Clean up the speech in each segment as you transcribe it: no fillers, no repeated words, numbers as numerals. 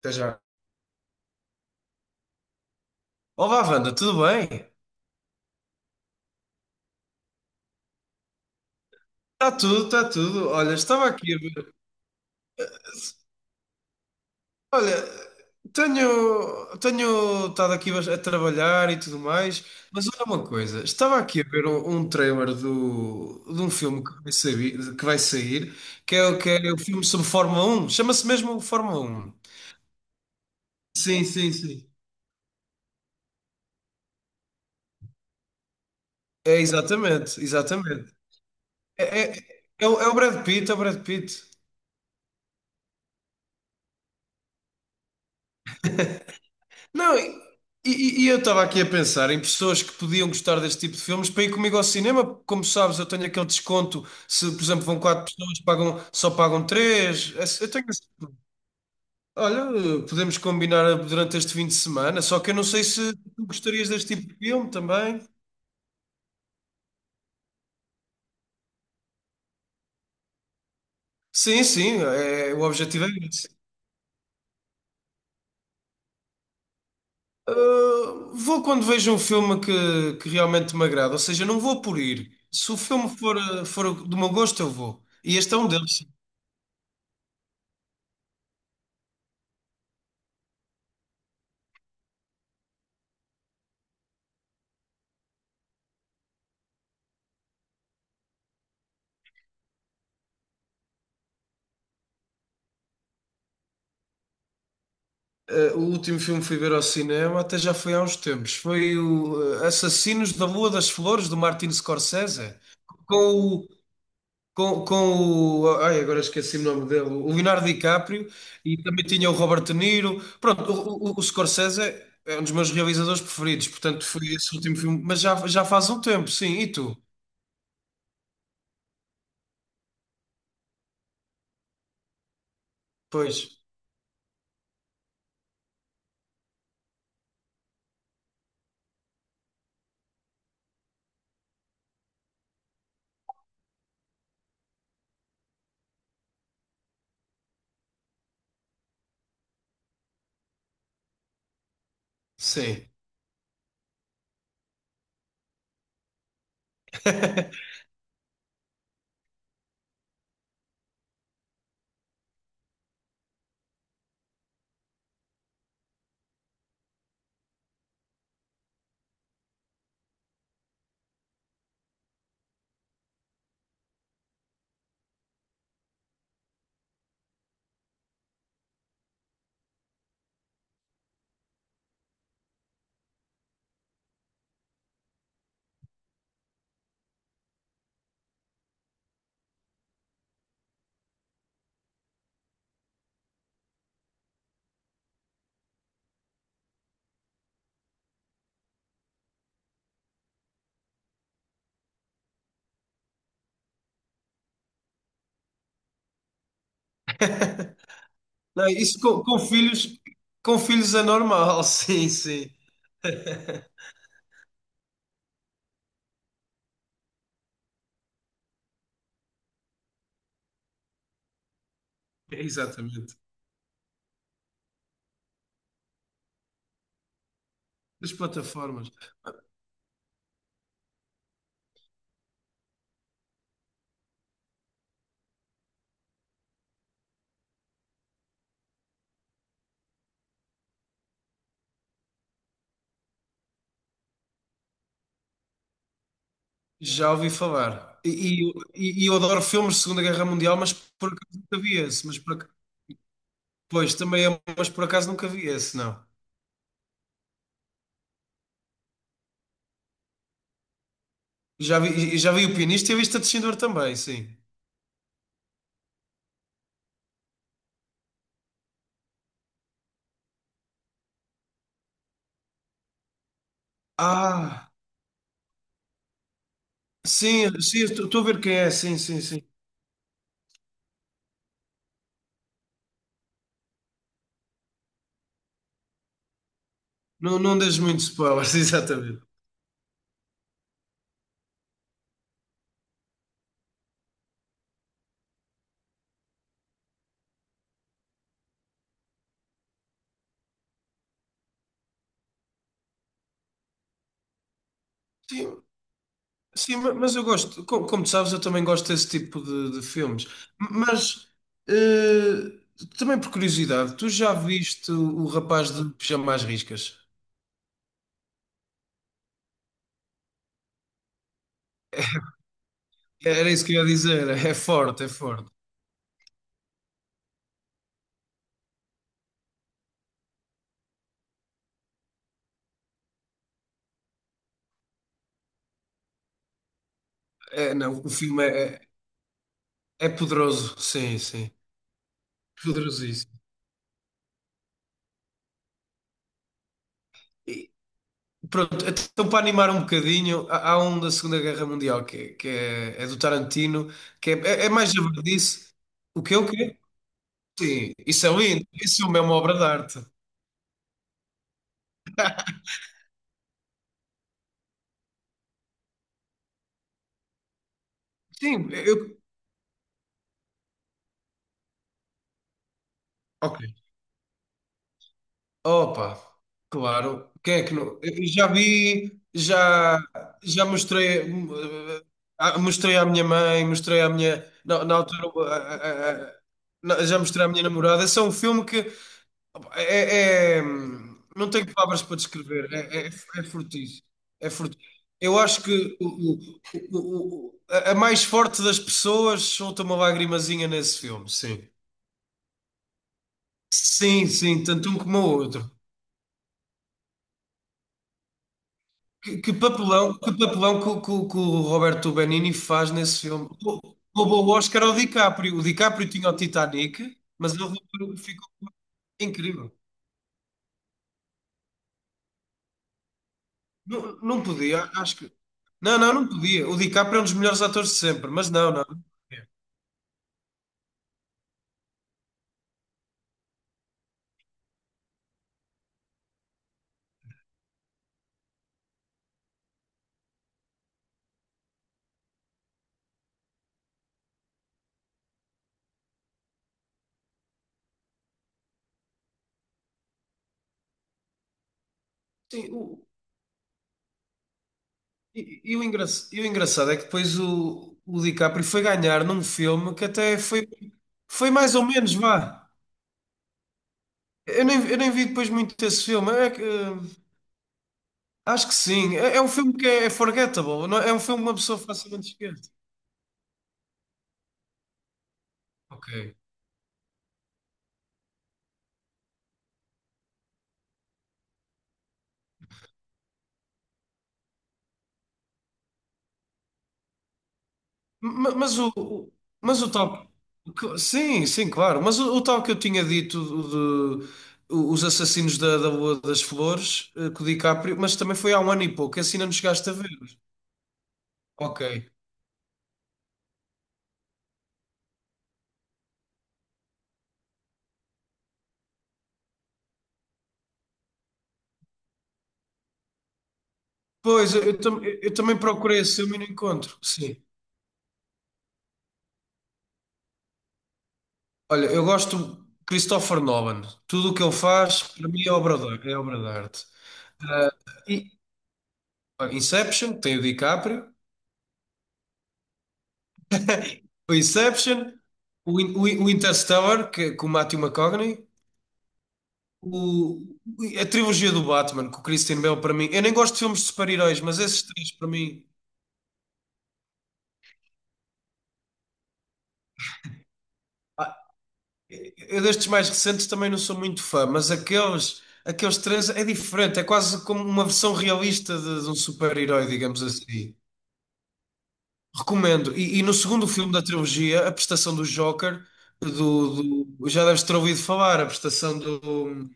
Até já. Olá, Wanda, tudo bem? Está tudo, está tudo. Olha, estava aqui a ver. Olha, tenho estado aqui a trabalhar e tudo mais, mas olha uma coisa, estava aqui a ver um trailer de um filme que vai sair, que é, que é o filme sobre Fórmula Um. Chama-se mesmo Fórmula Um? Sim, sim, sim. É exatamente, exatamente. É, é, é o Brad Pitt, é o Brad Pitt. Não, e eu estava aqui a pensar em pessoas que podiam gostar deste tipo de filmes para ir comigo ao cinema. Como sabes, eu tenho aquele desconto. Se, por exemplo, vão quatro pessoas, pagam, só pagam três. Eu tenho esse- Olha, podemos combinar durante este fim de semana, só que eu não sei se tu gostarias deste tipo de filme também. Sim, sim, é, o objetivo é esse. Vou quando vejo um filme que realmente me agrada, ou seja, não vou por ir. Se o filme for, for do meu gosto, eu vou. E este é um deles. O último filme que fui ver ao cinema até já foi há uns tempos. Foi o Assassinos da Lua das Flores, do Martin Scorsese, com o, com o, ai, agora esqueci o nome dele, o Leonardo DiCaprio e também tinha o Robert De Niro. Pronto, o Scorsese é um dos meus realizadores preferidos, portanto foi esse último filme, mas já, já faz um tempo, sim. E tu? Pois, sim. Não, isso com, com filhos é normal, sim, sim. Exatamente. Das plataformas. Já ouvi falar. E, e eu adoro filmes de Segunda Guerra Mundial, mas por acaso nunca vi esse. Mas por, ac- pois, também é, mas por acaso nunca vi esse, não. Já vi, já vi o pianista e a Vista de Schindler também, sim. Ah, sim, sim, estou a ver quem é, sim, sim, sim. Não, não deixes muito spoilers, exatamente. Sim, sim, mas eu gosto, como, tu sabes, eu também gosto desse tipo de filmes. Mas, eh, também por curiosidade, tu já viste o rapaz de pijama às riscas? Era isso que eu ia dizer. É forte, é forte. É, não, o filme é, é poderoso, sim, sim. Poderosíssimo. E, pronto, então para animar um bocadinho, há um da Segunda Guerra Mundial é do Tarantino, que é, é mais javardice. O que é o quê? Sim, isso é lindo. Isso é uma obra de arte. Sim, eu. Ok. Opa, claro. Quem é que não? Eu já vi, já, já mostrei, eh, mostrei à minha mãe, mostrei à minha. Na, na altura, ah, ah, ah, já mostrei à minha namorada. Esse é um filme que opa, é- não tenho palavras para descrever. É fortíssimo. É fortíssimo. Eu acho que a mais forte das pessoas solta uma lagrimazinha nesse filme, sim. Sim, sim, tanto um como o outro. Que papelão, que papelão que, que o Roberto Benigni faz nesse filme. Roubou o Oscar ao DiCaprio. O DiCaprio tinha o Titanic, mas ele roubou- ficou incrível. Não, não podia, acho que. Não, não, não podia. O DiCaprio é um dos melhores atores de sempre, mas não, não. Sim, o, e, e o engraçado é que depois o DiCaprio foi ganhar num filme que até foi, foi mais ou menos, vá. Eu nem vi depois muito esse filme. É que, eh, acho que sim. É, é um filme que é forgettable. É é um filme que uma pessoa facilmente esquece. Ok. Ma- Mas o, o- mas o tal. Sim, sim, claro. Mas o tal que eu tinha dito os Assassinos da Rua das Flores, com o DiCaprio, mas também foi há um ano e pouco, assim não nos chegaste a ver. Ok. Pois, eu eu também procurei esse filme e não encontro. Sim. Olha, eu gosto de Christopher Nolan. Tudo o que ele faz, para mim, é obra é obra de arte. E olha, Inception, tem o DiCaprio. O Inception, o Interstellar, que, com o Matthew McConaughey, o, a trilogia do Batman, com o Christian Bale, para mim. Eu nem gosto de filmes de super-heróis, mas esses três, para mim. Ah, eu destes mais recentes também não sou muito fã, mas aqueles, aqueles três é diferente, é quase como uma versão realista de um super-herói, digamos assim. Recomendo. E no segundo filme da trilogia, a prestação do Joker, já deves ter ouvido falar, a prestação do.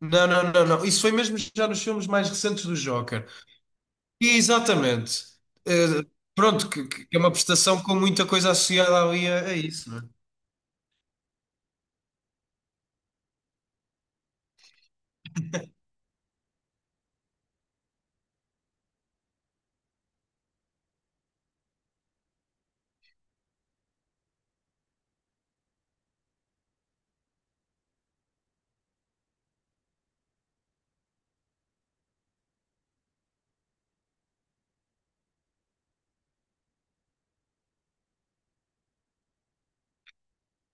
Não, não, não, não. Isso foi mesmo já nos filmes mais recentes do Joker. E exatamente. Eh, pronto, que é uma prestação com muita coisa associada ali a isso, não é?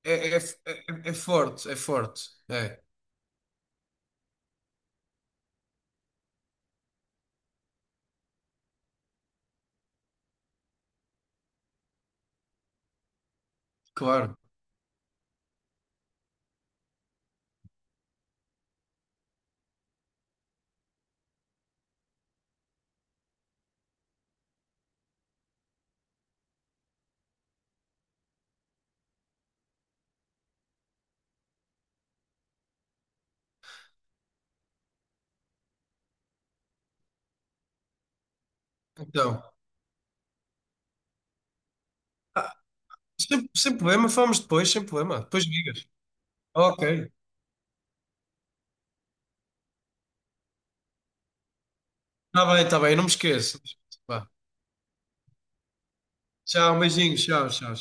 É forte, é forte. É, claro. Então, ah, sem, sem problema, falamos depois, sem problema. Depois ligas. Ok. Está bem, não me esqueço. Vá. Tchau, beijinhos, tchau, tchau.